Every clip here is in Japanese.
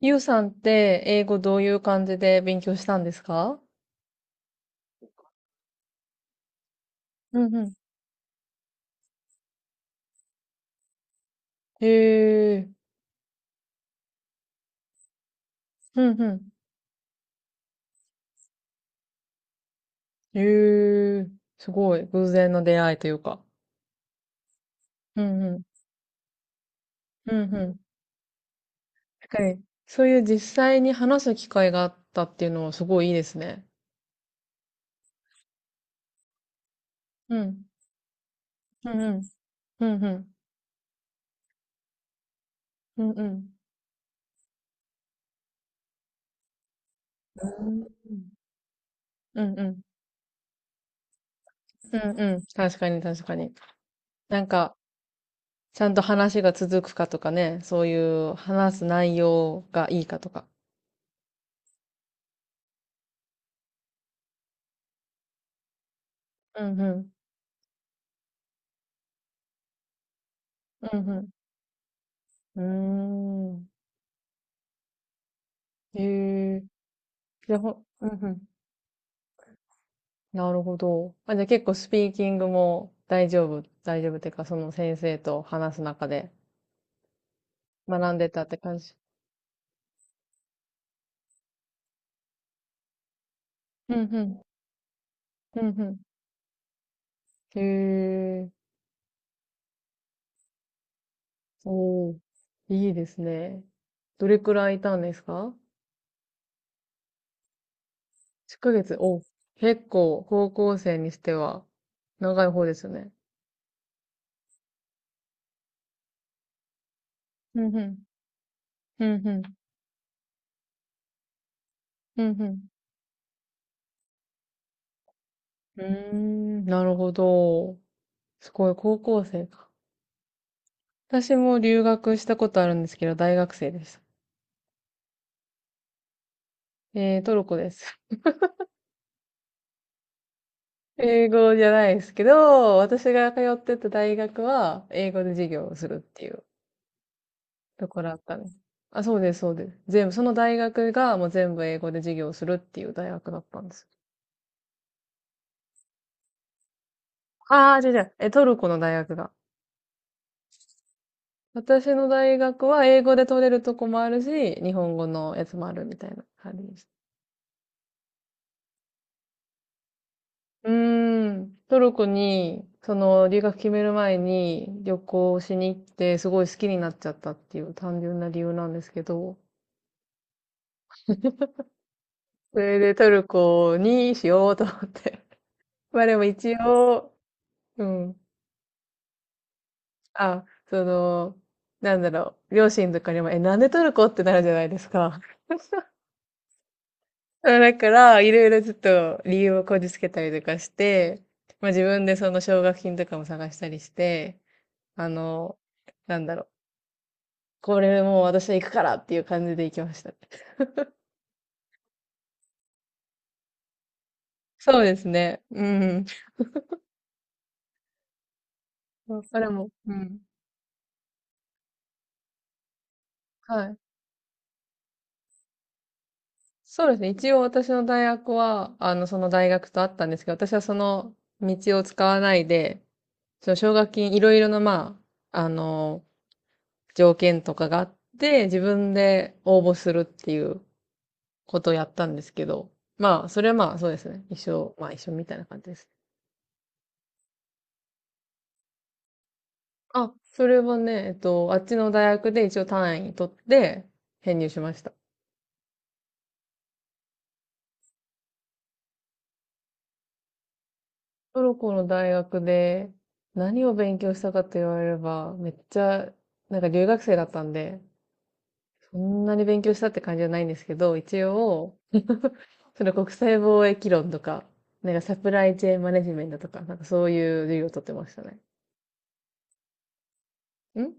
ゆうさんって英語どういう感じで勉強したんですか？うんうん。へえ、うんうん。へえ、すごい。偶然の出会いというか。うんうん。うんうん。はい。そういう実際に話す機会があったっていうのはすごいいいですね。うん。うんうん。うんうん。うんうん。うんうん。うんうん。確かに、確かに。なんか、ちゃんと話が続くかとかね、そういう話す内容がいいかとか。うんうん。うんうん。うーん。へえ。じゃあ、うんうん。なるほど。あ、じゃあ結構スピーキングも大丈夫、大丈夫っていうか、その先生と話す中で学んでたって感じ。うんうん。うんうん。へえ。おー。いいですね。どれくらいいたんですか ?1 ヶ月。お、結構高校生にしては長い方ですよね。うんうん。うんうん。うんうん。うーん、なるほど。すごい、高校生か。私も留学したことあるんですけど、大学生でした。トルコです。英語じゃないですけど、私が通ってた大学は、英語で授業をするっていうところだったんです。あ、そうです、そうです。全部、その大学がもう全部英語で授業をするっていう大学だったんです。ああ、じゃじゃ、え、トルコの大学が。私の大学は英語で取れるとこもあるし、日本語のやつもあるみたいな感じでした。トルコに、留学決める前に旅行しに行って、すごい好きになっちゃったっていう単純な理由なんですけど、それでトルコにしようと思って。まあでも一応、うん。あ、なんだろう、両親とかにも、なんでトルコってなるじゃないですか。だから、いろいろちょっと理由をこじつけたりとかして、まあ自分でその奨学金とかも探したりして、あの、なんだろう。これもう私は行くからっていう感じで行きましたね。そうですね。うん。それも、うん。はい。そうですね。一応私の大学は、その大学とあったんですけど、私はその道を使わないで、その奨学金いろいろな、まあ、条件とかがあって、自分で応募するっていうことをやったんですけど、まあ、それはまあ、そうですね。一緒、まあ一緒みたいな感じです。あ、それはね、あっちの大学で一応単位取って編入しました。トルコの大学で何を勉強したかと言われれば、めっちゃ、なんか留学生だったんで、そんなに勉強したって感じじゃないんですけど、一応、それ国際貿易論とか、なんかサプライチェーンマネジメントとか、なんかそういう授業を取ってましたね。ん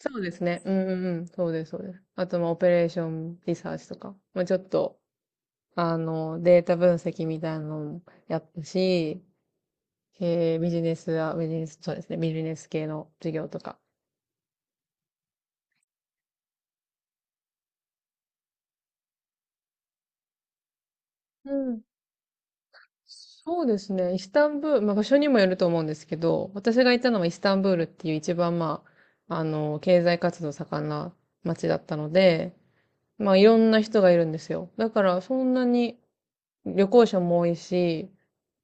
そうですね。うんうんうん。そうです、そうです。あと、まあ、オペレーションリサーチとか、まあ、ちょっと、データ分析みたいなのもやったし、ビジネス、そうですね、ビジネス系の授業とか。うん。そうですね。イスタンブール、まあ場所にもよると思うんですけど、私が行ったのはイスタンブールっていう一番まあ、経済活動盛んな街だったので、まあいろんな人がいるんですよ。だからそんなに旅行者も多いし、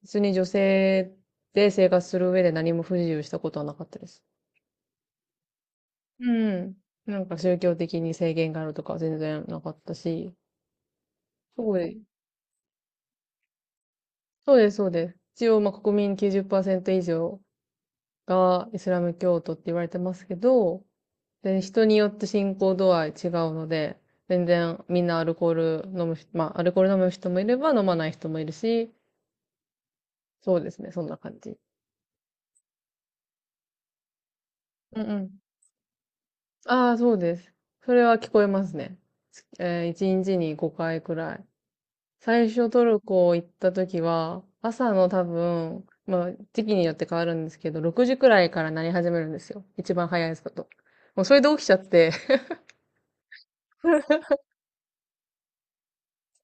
普通に女性で生活する上で何も不自由したことはなかったです。うん。なんか宗教的に制限があるとかは全然なかったし、すごい。そうです、そうです。一応まあ国民90%以上がイスラム教徒って言われてますけど、で、人によって信仰度合い違うので、全然みんなアルコール飲む人、まあ、アルコール飲む人もいれば飲まない人もいるし、そうですね、そんな感じ。うんうん。ああ、そうです。それは聞こえますね。1日に5回くらい。最初トルコ行った時は、朝の多分、まあ、時期によって変わるんですけど、6時くらいから鳴り始めるんですよ。一番早いですこと。もうそれで起きちゃって。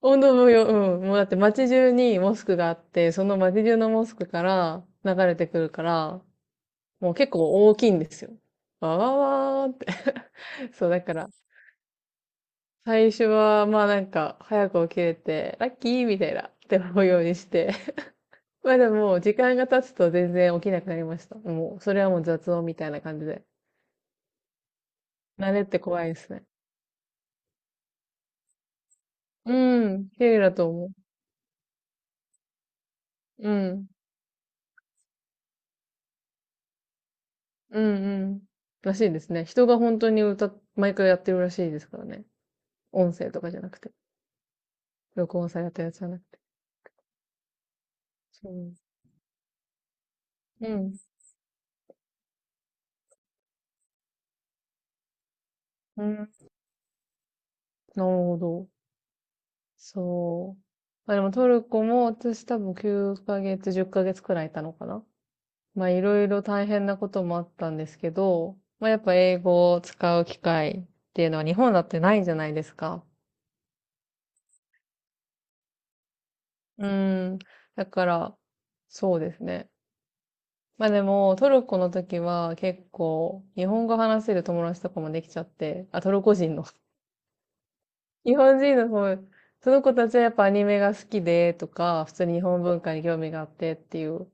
本当もよ、うん。もうだって街中にモスクがあって、その街中のモスクから流れてくるから、もう結構大きいんですよ。わわわーって。 そう、だから、最初は、まあなんか、早く起きれて、ラッキーみたいな、って思うようにして。まあでも、時間が経つと全然起きなくなりました。もう、それはもう雑音みたいな感じで。慣れって怖いですね。うん、綺麗だと思う。うん。うんうん。らしいですね。人が本当に毎回やってるらしいですからね。音声とかじゃなくて、録音されたやつじゃなくて。そう。うん。うん。なるほど。そう。まあでもトルコも私多分9ヶ月、10ヶ月くらいいたのかな。まあいろいろ大変なこともあったんですけど、まあやっぱ英語を使う機会っていうのは日本だってないじゃないですか。うん。だから、そうですね。まあでもトルコの時は結構日本語話せる友達とかもできちゃって、あ、トルコ人の。 日本人の方、その子たちはやっぱアニメが好きでとか、普通に日本文化に興味があってっていう、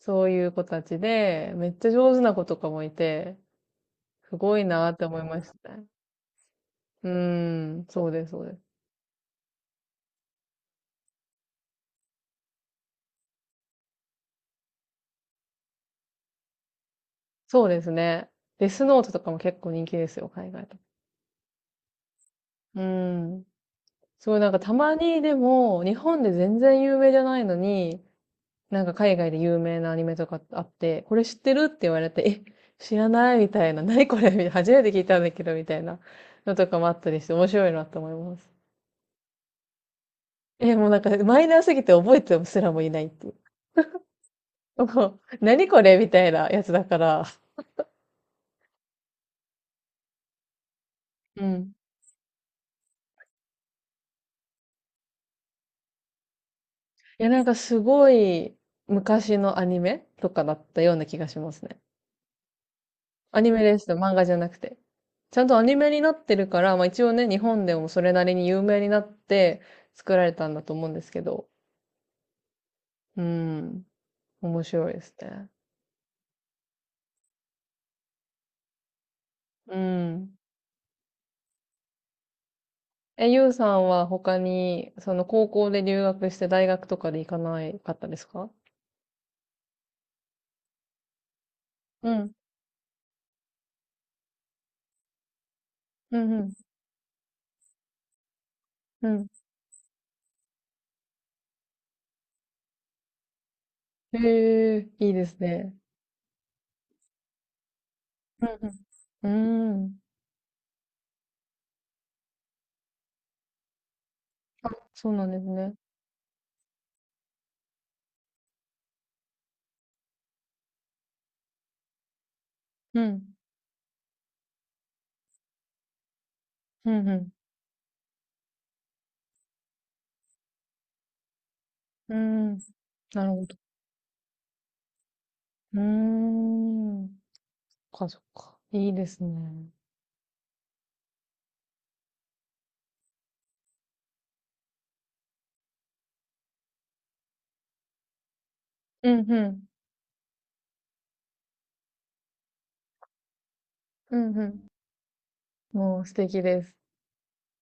そういう子たちで、めっちゃ上手な子とかもいて、すごいなって思いましたね。うーん、そうです、そうです。そうですね。デスノートとかも結構人気ですよ、海外と。うーん。すごいなんかたまにでも、日本で全然有名じゃないのに、なんか海外で有名なアニメとかあって、これ知ってるって言われて、え、知らないみたいな、何これみたいな初めて聞いたんだけど、みたいなのとかもあったりして、面白いなと思います。え、もうなんかマイナーすぎて覚えてすらもいないっていう。もう何これみたいなやつだから。うん。いや、なんかすごい昔のアニメとかだったような気がしますね。アニメですと漫画じゃなくて。ちゃんとアニメになってるから、まあ一応ね、日本でもそれなりに有名になって作られたんだと思うんですけど。うん、面白いですね。うん。え、ゆうさんは他に、その高校で留学して大学とかで行かないかったですか？うん、うん、うん、うん。へえ、いいですね。うん、うん。うん。あ、そうなんですね。うん、うん、うん。うん。なるほど。うーん。そっか、そっか。いいですね。うん、うん、うん、うん。もう素敵です。